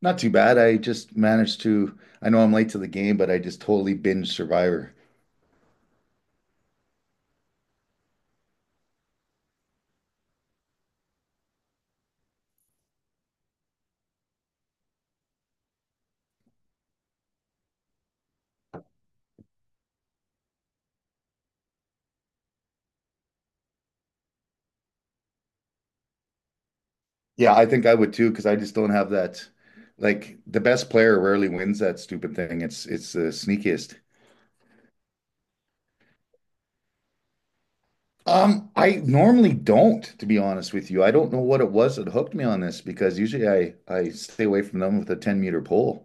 Not too bad. I just managed to, I know I'm late to the game, but I just totally binge Survivor. Yeah, I think I would too, because I just don't have that. Like the best player rarely wins that stupid thing. It's the sneakiest. I normally don't, to be honest with you. I don't know what it was that hooked me on this because usually I stay away from them with a 10-meter pole.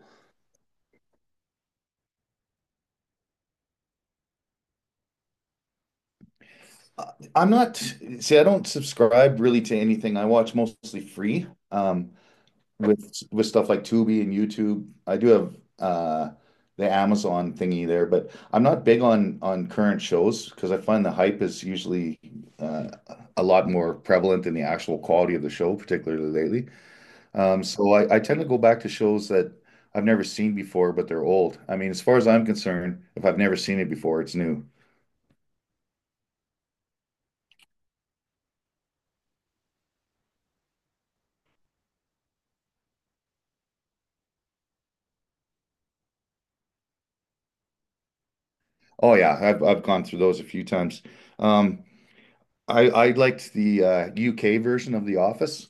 I'm not, See, I don't subscribe really to anything. I watch mostly free. Um, with stuff like Tubi and YouTube. I do have the Amazon thingy there, but I'm not big on current shows because I find the hype is usually uh, a lot more prevalent than the actual quality of the show, particularly lately. So I tend to go back to shows that I've never seen before, but they're old. I mean, as far as I'm concerned, if I've never seen it before, it's new. Oh yeah, I've gone through those a few times. Um, I liked the UK version of The Office.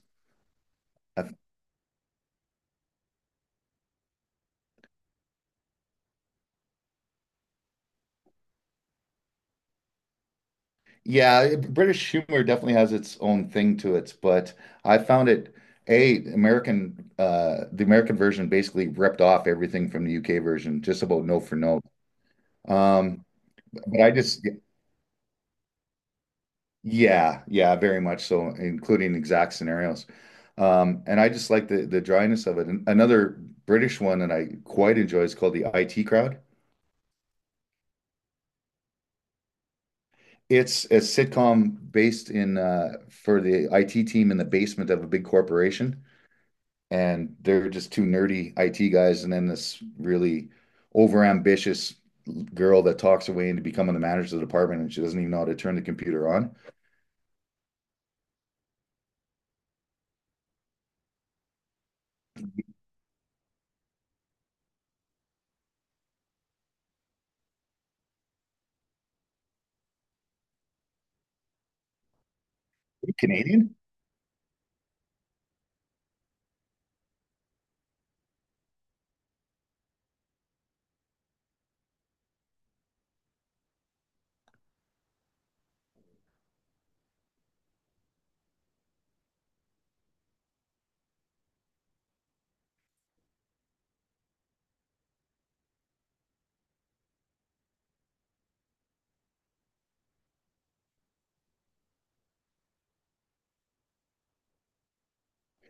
I yeah, it- British humor definitely has its own thing to it, but I found it A, American the American version basically ripped off everything from the UK version, just about note for note. Um, but I just Yeah, yeah, very much so, including exact scenarios. And I just like the dryness of it. And another British one that I quite enjoy is called The IT Crowd. It's a sitcom based in for the IT team in the basement of a big corporation. And they're just two nerdy IT guys, and then this really overambitious girl that talks her way into becoming the manager of the department, and she doesn't even know how to turn the computer on. Canadian?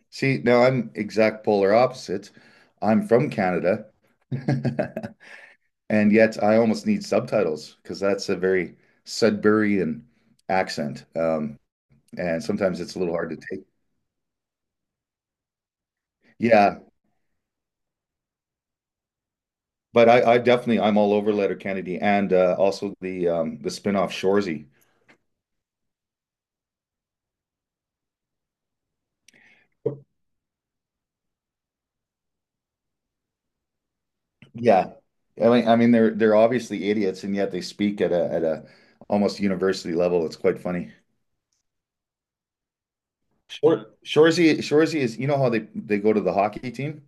See, now I'm exact polar opposite. I'm from Canada, and yet I almost need subtitles because that's a very Sudburyan accent, and sometimes it's a little hard to take. Yeah, but I definitely I'm all over Letterkenny and also the spinoff off Shoresy. Yeah. I mean, they're obviously idiots, and yet they speak at a almost university level. It's quite funny. Shorzy is, you know how they go to the hockey team?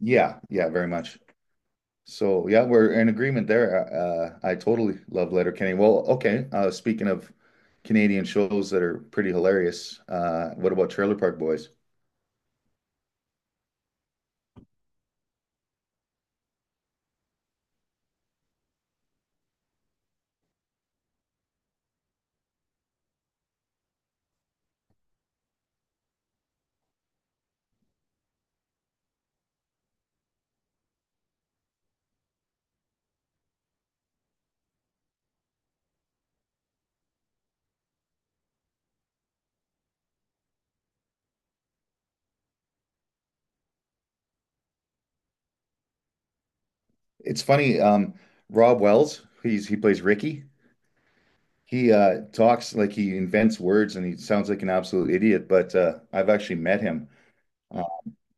Yeah, yeah, very much. So yeah, we're in agreement there. I totally love Letterkenny. Well, okay. Speaking of Canadian shows that are pretty hilarious, what about Trailer Park Boys? It's funny. Rob Wells, he plays Ricky. He talks like he invents words and he sounds like an absolute idiot, but I've actually met him. Uh,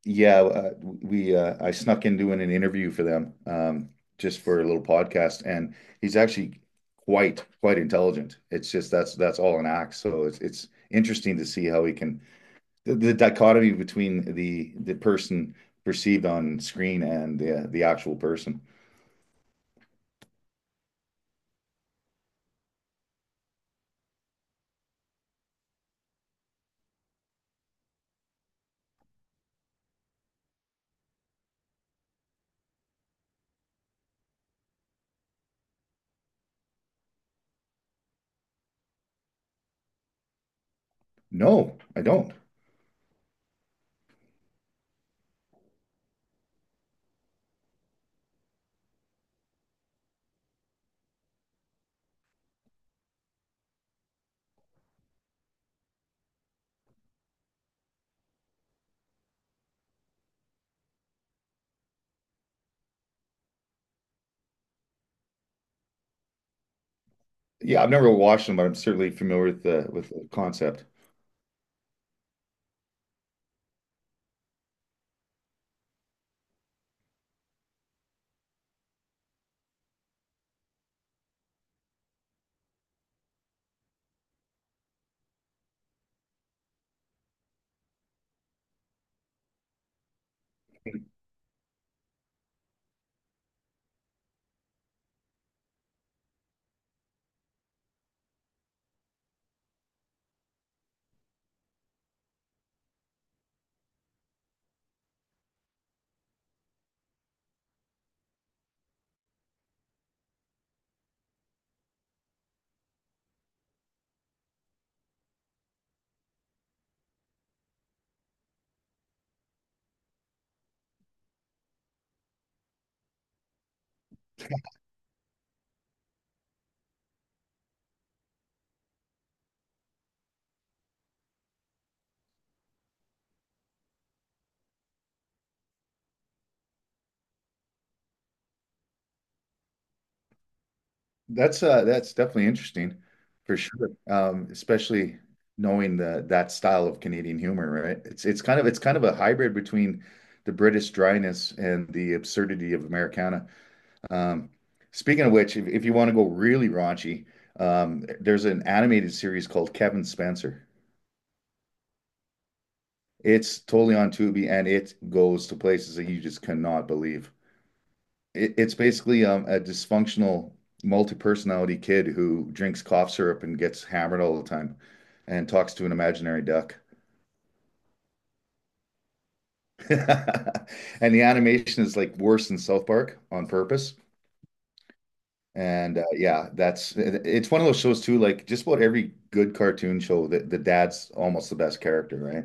yeah, we I snuck in doing an interview for them just for a little podcast, and he's actually quite intelligent. It's just that's all an act. So it's interesting to see how he can the dichotomy between the person perceived on screen and the actual person. No, I don't. Yeah, I've never watched them, but I'm certainly familiar with the concept. That's definitely interesting for sure. Especially knowing the that style of Canadian humor, right? It's kind of a hybrid between the British dryness and the absurdity of Americana. Um, Speaking of which, if you want to go really raunchy, there's an animated series called Kevin Spencer. It's totally on Tubi and it goes to places that you just cannot believe. It's basically a dysfunctional multi-personality kid who drinks cough syrup and gets hammered all the time and talks to an imaginary duck. And the animation is like worse than South Park on purpose. And yeah, that's it- it's one of those shows too. Like just about every good cartoon show, the dad's almost the best character, right?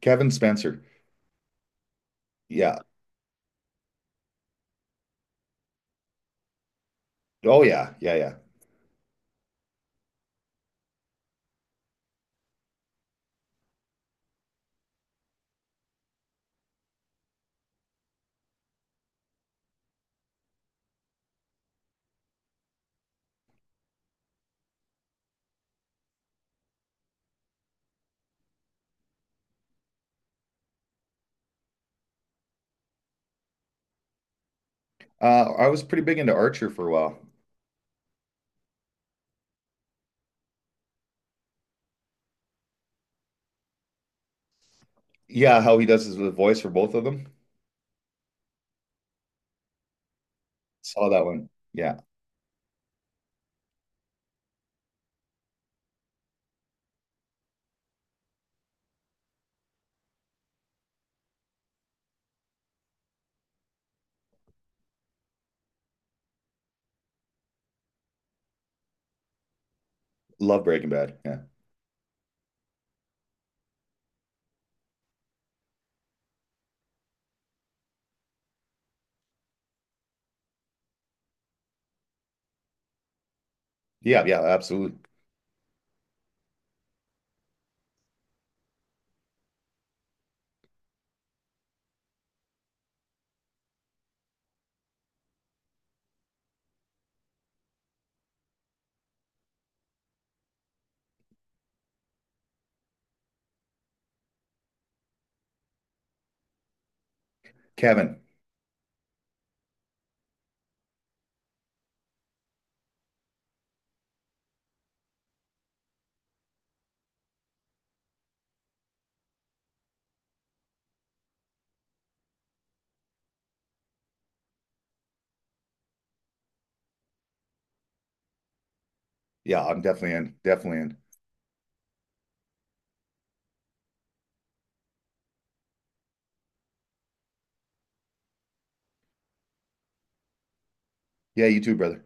Kevin Spencer. Yeah. Oh yeah, yeah, yeah. I was pretty big into Archer for a while. Yeah, how he does his the voice for both of them. Saw that one. Yeah. Love Breaking Bad. Yeah. Yeah. Yeah. Absolutely. Kevin. Yeah. I'm definitely in. Definitely in. Yeah. You too, brother.